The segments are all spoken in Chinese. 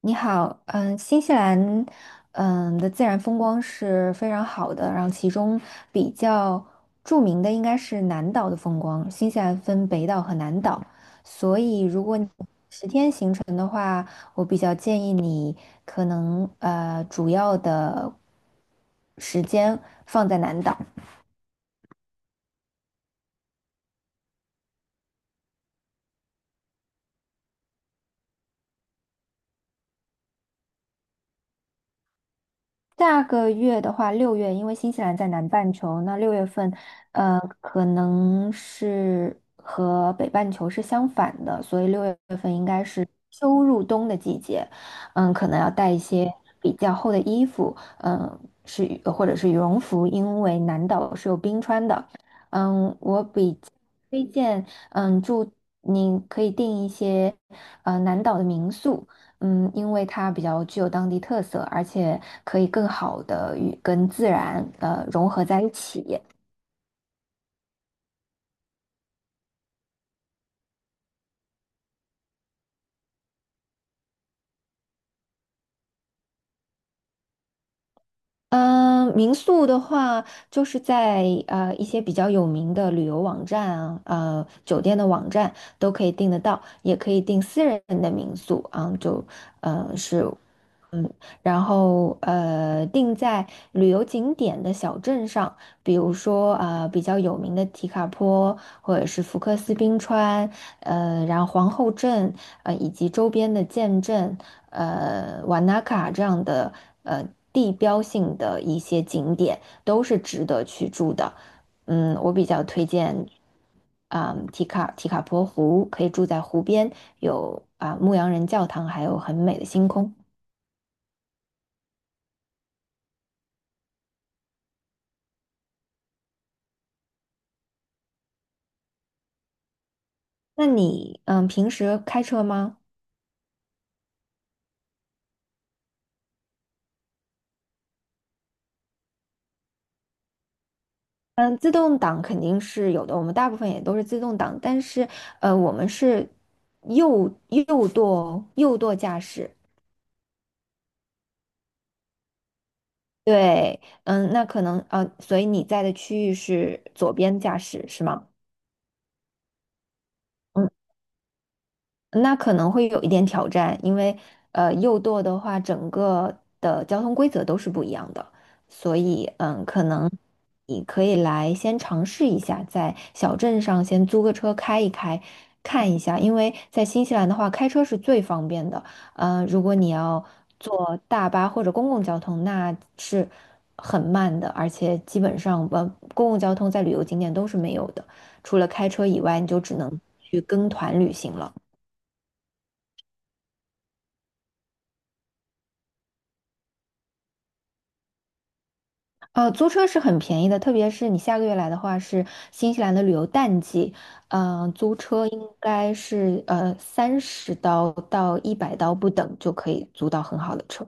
你好，新西兰，自然风光是非常好的，然后其中比较著名的应该是南岛的风光。新西兰分北岛和南岛，所以如果你十天行程的话，我比较建议你可能主要的时间放在南岛。下个月的话，六月，因为新西兰在南半球，那六月份，可能是和北半球是相反的，所以六月份应该是秋入冬的季节，可能要带一些比较厚的衣服，嗯，是或者是羽绒服，因为南岛是有冰川的。推荐，嗯，住你可以订一些南岛的民宿，嗯，因为它比较具有当地特色，而且可以更好的与跟自然融合在一起。嗯，民宿的话，就是在一些比较有名的旅游网站啊，酒店的网站都可以订得到，也可以订私人的民宿啊，就是。嗯，然后定在旅游景点的小镇上，比如说比较有名的提卡坡，或者是福克斯冰川，呃，然后皇后镇，以及周边的建镇，瓦纳卡这样的呃地标性的一些景点，都是值得去住的。嗯，我比较推荐，啊、提卡坡湖可以住在湖边，有啊、牧羊人教堂，还有很美的星空。那你嗯，平时开车吗？嗯，自动挡肯定是有的，我们大部分也都是自动挡，但是我们是右舵驾驶。对，嗯，那可能所以你在的区域是左边驾驶是吗？嗯。那可能会有一点挑战，因为右舵的话，整个的交通规则都是不一样的，所以嗯，可能你可以来先尝试一下，在小镇上先租个车开一开，看一下，因为在新西兰的话，开车是最方便的。如果你要坐大巴或者公共交通，那是很慢的，而且基本上公共交通在旅游景点都是没有的，除了开车以外，你就只能去跟团旅行了。租车是很便宜的，特别是你下个月来的话，是新西兰的旅游淡季，租车应该是30刀到100刀不等就可以租到很好的车。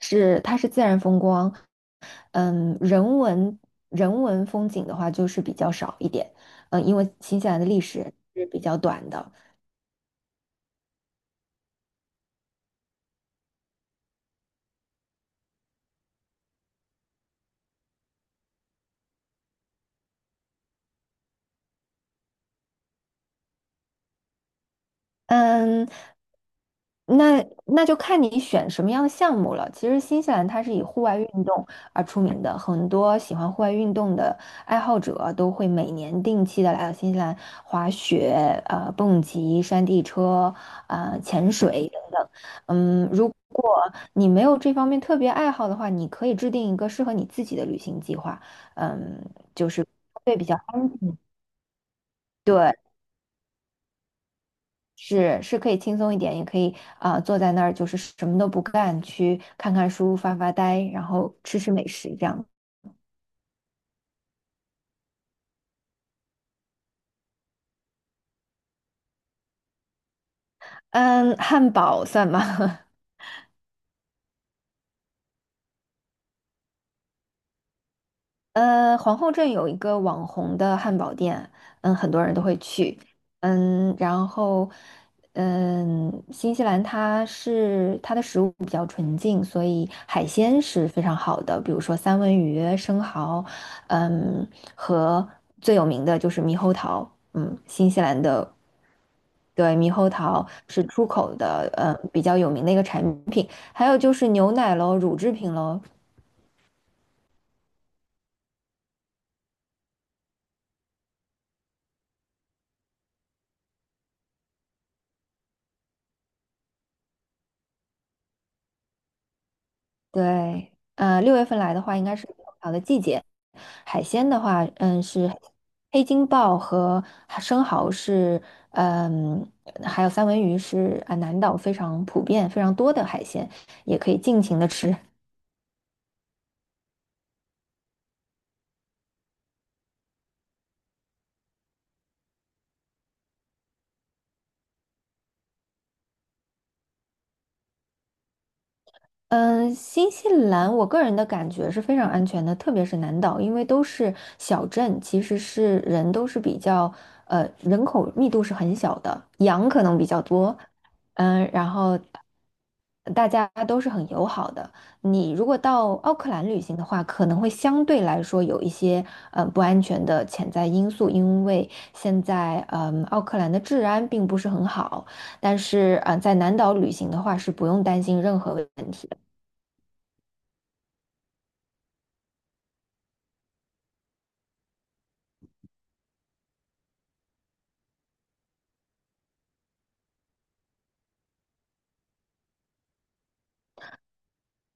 是，它是自然风光，嗯，人文风景的话就是比较少一点，嗯，因为新西兰的历史是比较短的。嗯，那那就看你选什么样的项目了。其实新西兰它是以户外运动而出名的，很多喜欢户外运动的爱好者啊都会每年定期的来到新西兰滑雪、蹦极、山地车、潜水等等。嗯，如果你没有这方面特别爱好的话，你可以制定一个适合你自己的旅行计划。嗯，就是会比较安全。对。是是可以轻松一点，也可以啊、坐在那儿就是什么都不干，去看看书、发发呆，然后吃吃美食这样。嗯，汉堡算吗？皇后镇有一个网红的汉堡店，嗯，很多人都会去。嗯，然后嗯，新西兰它是它的食物比较纯净，所以海鲜是非常好的，比如说三文鱼、生蚝，嗯，和最有名的就是猕猴桃。嗯，新西兰的对，猕猴桃是出口的，比较有名的一个产品。还有就是牛奶喽，乳制品喽。对，六月份来的话，应该是猕猴桃的季节。海鲜的话，嗯，是黑金鲍和生蚝是，嗯，还有三文鱼是啊，南岛非常普遍、非常多的海鲜，也可以尽情的吃。嗯，新西兰，我个人的感觉是非常安全的，特别是南岛，因为都是小镇，其实是人都是比较，人口密度是很小的，羊可能比较多，嗯，然后大家都是很友好的。你如果到奥克兰旅行的话，可能会相对来说有一些，不安全的潜在因素，因为现在，嗯，奥克兰的治安并不是很好，但是，在南岛旅行的话是不用担心任何问题。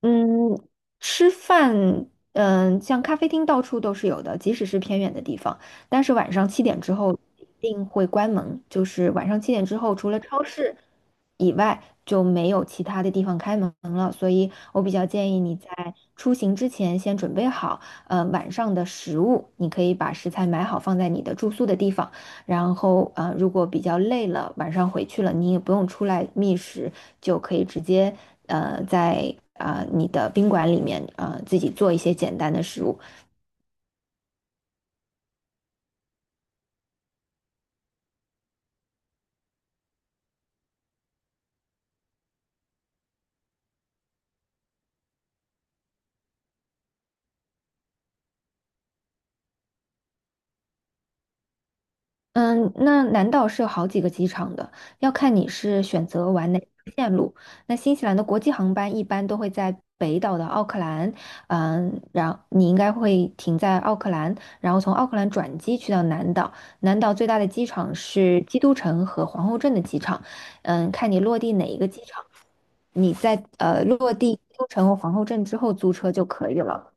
嗯，吃饭，嗯，像咖啡厅到处都是有的，即使是偏远的地方。但是晚上七点之后一定会关门，就是晚上七点之后，除了超市以外，就没有其他的地方开门了。所以我比较建议你在出行之前先准备好，晚上的食物，你可以把食材买好放在你的住宿的地方。然后如果比较累了，晚上回去了，你也不用出来觅食，就可以直接在啊、你的宾馆里面啊自己做一些简单的食物。嗯，那南岛是有好几个机场的，要看你是选择玩哪个线路。那新西兰的国际航班一般都会在北岛的奥克兰，嗯，然后你应该会停在奥克兰，然后从奥克兰转机去到南岛。南岛最大的机场是基督城和皇后镇的机场，嗯，看你落地哪一个机场，你在落地基督城和皇后镇之后租车就可以了。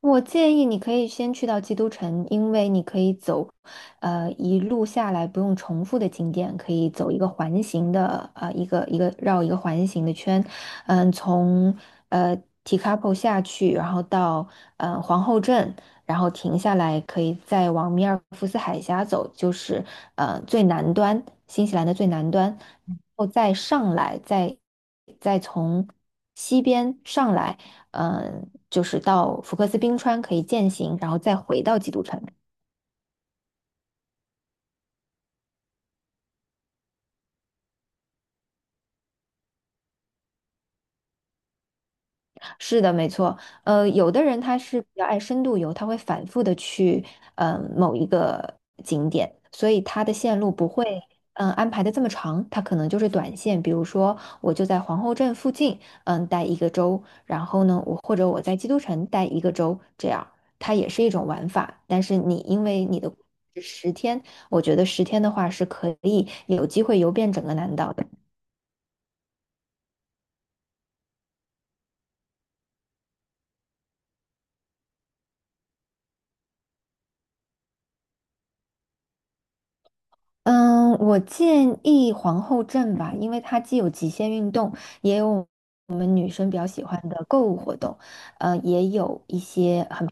我建议你可以先去到基督城，因为你可以走，一路下来不用重复的景点，可以走一个环形的，一个绕一个环形的圈，嗯，从呃 Tekapo 下去，然后到皇后镇，然后停下来，可以再往米尔福斯海峡走，就是最南端，新西兰的最南端，然后再上来，再从西边上来。嗯，就是到福克斯冰川可以践行，然后再回到基督城。是的，没错。有的人他是比较爱深度游，他会反复的去某一个景点，所以他的线路不会嗯、安排的这么长，他可能就是短线。比如说，我就在皇后镇附近嗯、待一个周，然后呢，我或者我在基督城待一个周，这样它也是一种玩法。但是你因为你的十天，我觉得十天的话是可以有机会游遍整个南岛的。嗯，我建议皇后镇吧，因为它既有极限运动，也有我们女生比较喜欢的购物活动，也有一些很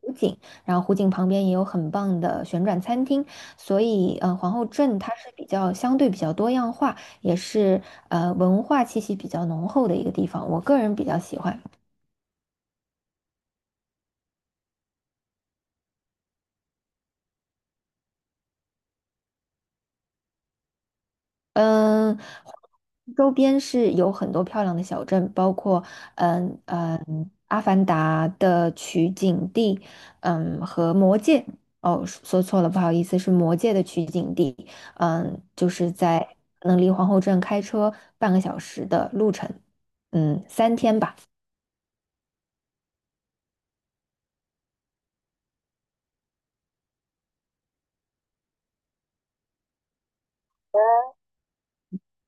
湖景，然后湖景旁边也有很棒的旋转餐厅，所以，皇后镇它是比较相对比较多样化，也是文化气息比较浓厚的一个地方，我个人比较喜欢。嗯，周边是有很多漂亮的小镇，包括嗯嗯《阿凡达》的取景地，嗯和《魔界》哦，说错了，不好意思，是《魔界》的取景地。嗯，就是在可能离皇后镇开车半个小时的路程，嗯，3天吧。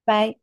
拜。